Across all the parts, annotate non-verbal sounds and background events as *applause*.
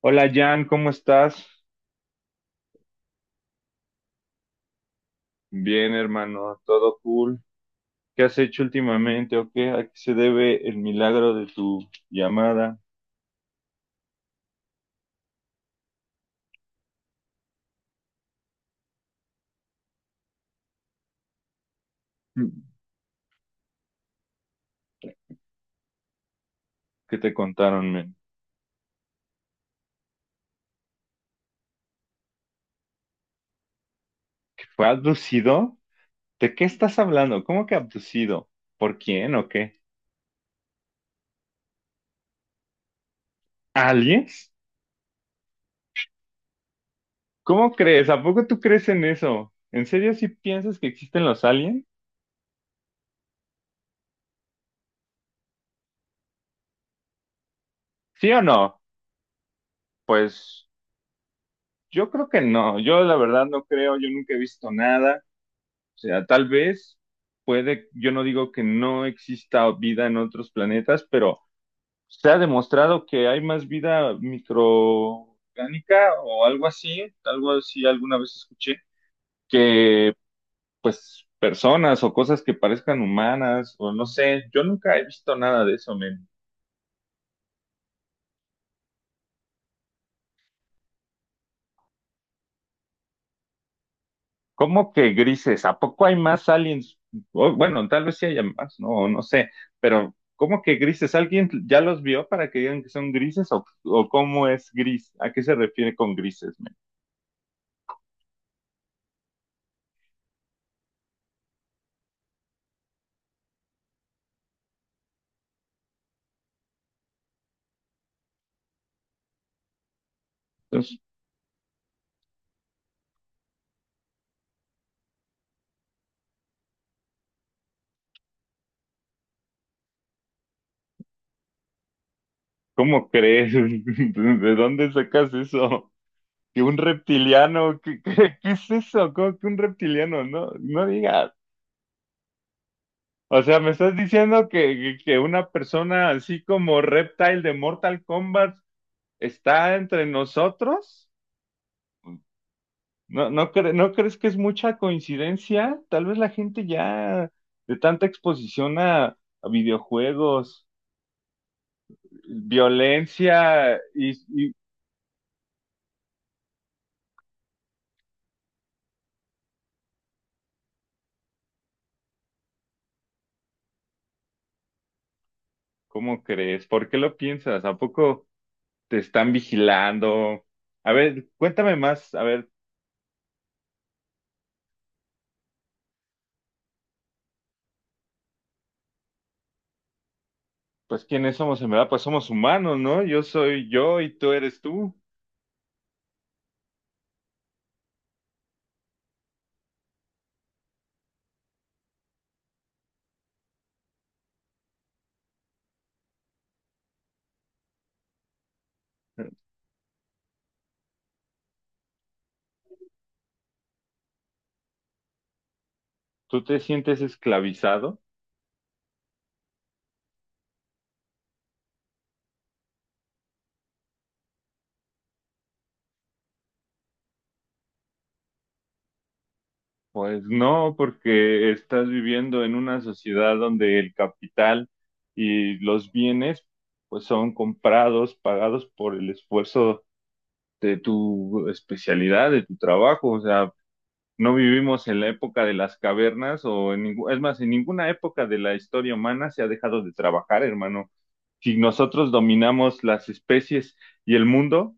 Hola Jan, ¿cómo estás? Bien, hermano, todo cool. ¿Qué has hecho últimamente o qué? ¿A qué se debe el milagro de tu llamada? *clears throat* Mm. ¿Qué te contaron, men? ¿Que fue abducido? ¿De qué estás hablando? ¿Cómo que abducido? ¿Por quién o qué? ¿Aliens? ¿Cómo crees? ¿A poco tú crees en eso? ¿En serio si piensas que existen los aliens? ¿Sí o no? Pues yo creo que no. Yo la verdad no creo, yo nunca he visto nada. O sea, tal vez puede, yo no digo que no exista vida en otros planetas, pero se ha demostrado que hay más vida microorgánica o algo así alguna vez escuché, que pues personas o cosas que parezcan humanas o no sé, yo nunca he visto nada de eso, men. ¿Cómo que grises? ¿A poco hay más aliens? Oh, bueno, tal vez sí haya más, no, no sé, pero ¿cómo que grises? ¿Alguien ya los vio para que digan que son grises o cómo es gris? ¿A qué se refiere con grises, men? Entonces, ¿cómo crees? *laughs* ¿De dónde sacas eso? ¿Que un reptiliano? ¿Qué, qué es eso? ¿Cómo que un reptiliano? No, no digas. O sea, me estás diciendo que, que una persona así como Reptile de Mortal Kombat está entre nosotros. No, no, ¿no crees que es mucha coincidencia? Tal vez la gente ya de tanta exposición a videojuegos, violencia y- ¿cómo crees? ¿Por qué lo piensas? ¿A poco te están vigilando? A ver, cuéntame más. A ver, pues ¿quiénes somos en verdad? Pues somos humanos, ¿no? Yo soy yo y tú eres tú. ¿Tú te sientes esclavizado? Pues no, porque estás viviendo en una sociedad donde el capital y los bienes pues son comprados, pagados por el esfuerzo de tu especialidad, de tu trabajo. O sea, no vivimos en la época de las cavernas o en es más, en ninguna época de la historia humana se ha dejado de trabajar, hermano. Si nosotros dominamos las especies y el mundo,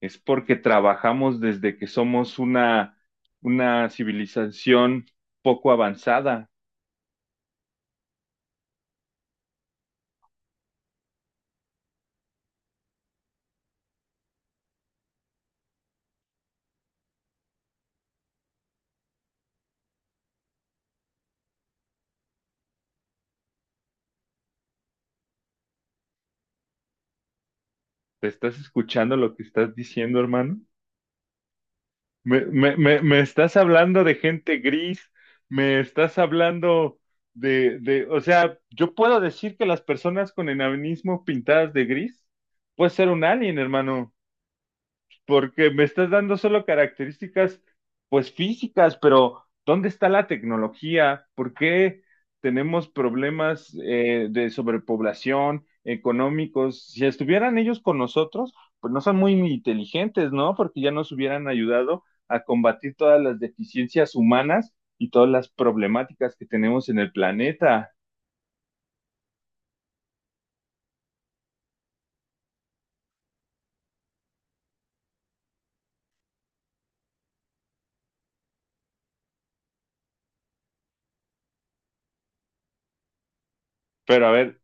es porque trabajamos desde que somos una civilización poco avanzada. ¿Te estás escuchando lo que estás diciendo, hermano? Me estás hablando de gente gris, me estás hablando o sea, yo puedo decir que las personas con enanismo pintadas de gris puede ser un alien, hermano, porque me estás dando solo características, pues físicas, pero ¿dónde está la tecnología? ¿Por qué tenemos problemas de sobrepoblación, económicos? Si estuvieran ellos con nosotros, pues no son muy inteligentes, ¿no? Porque ya nos hubieran ayudado a combatir todas las deficiencias humanas y todas las problemáticas que tenemos en el planeta. Pero a ver,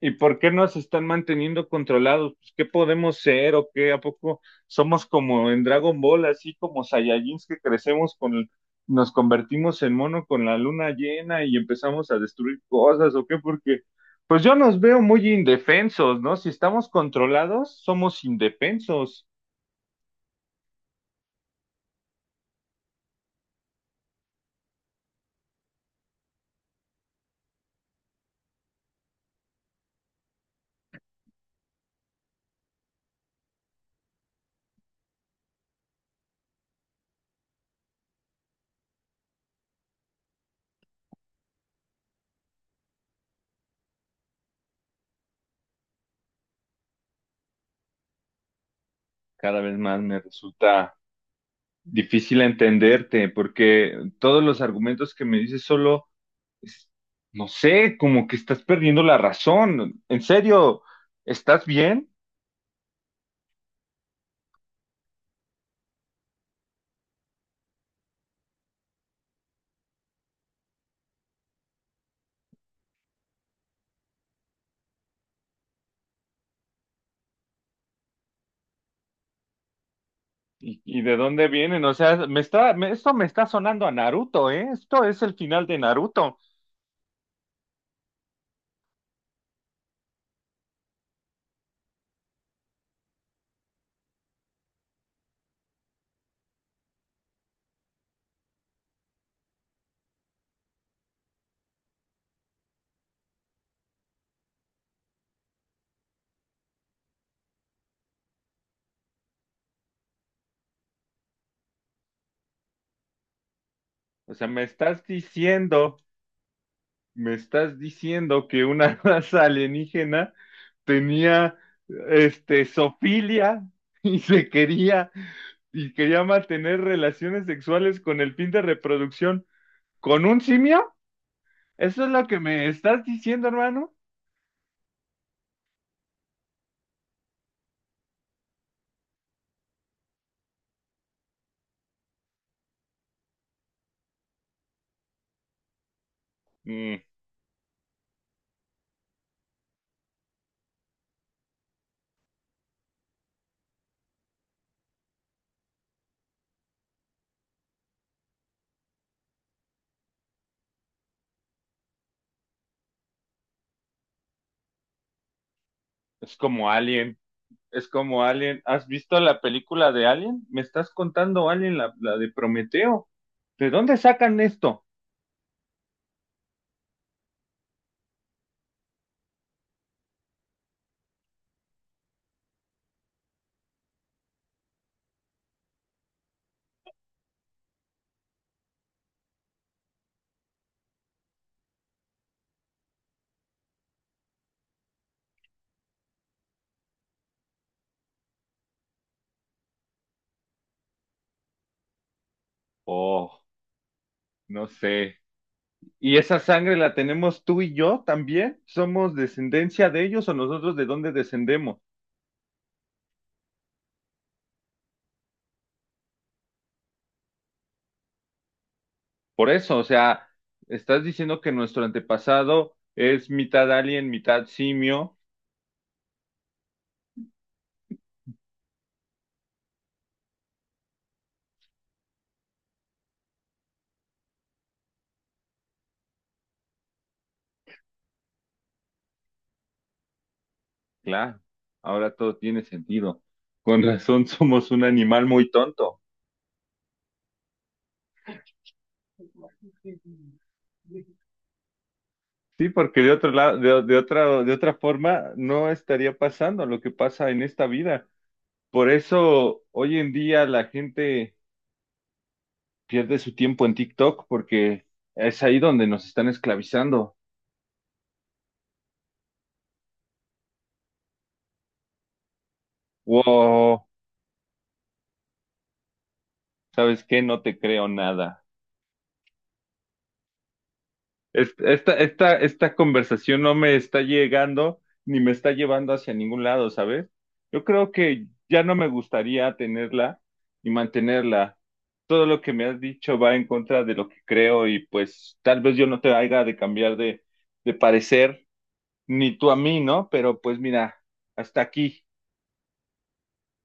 ¿y por qué nos están manteniendo controlados? Pues, ¿qué podemos ser o qué? ¿A poco somos como en Dragon Ball, así como Saiyajins que crecemos con, nos convertimos en mono con la luna llena y empezamos a destruir cosas o qué? Porque, pues yo nos veo muy indefensos, ¿no? Si estamos controlados, somos indefensos. Cada vez más me resulta difícil entenderte porque todos los argumentos que me dices solo es- no sé, como que estás perdiendo la razón. En serio, ¿estás bien? ¿Y de dónde vienen? O sea, esto me está sonando a Naruto, ¿eh? Esto es el final de Naruto. O sea, me estás diciendo que una *laughs* raza alienígena tenía, este, zoofilia *laughs* y se quería, y quería mantener relaciones sexuales con el fin de reproducción con un simio. ¿Eso es lo que me estás diciendo, hermano? Es como Alien, es como Alien. ¿Has visto la película de Alien? ¿Me estás contando Alien, la de Prometeo? ¿De dónde sacan esto? Oh, no sé. ¿Y esa sangre la tenemos tú y yo también? ¿Somos descendencia de ellos o nosotros de dónde descendemos? Por eso, o sea, estás diciendo que nuestro antepasado es mitad alien, mitad simio. Claro, ahora todo tiene sentido. Con razón somos un animal muy tonto. Sí, porque de otro lado, de otra forma, no estaría pasando lo que pasa en esta vida. Por eso hoy en día la gente pierde su tiempo en TikTok porque es ahí donde nos están esclavizando. Wow, ¿sabes qué? No te creo nada. Esta conversación no me está llegando ni me está llevando hacia ningún lado, ¿sabes? Yo creo que ya no me gustaría tenerla y mantenerla. Todo lo que me has dicho va en contra de lo que creo y pues tal vez yo no te haga de cambiar de parecer, ni tú a mí, ¿no? Pero pues mira, hasta aquí.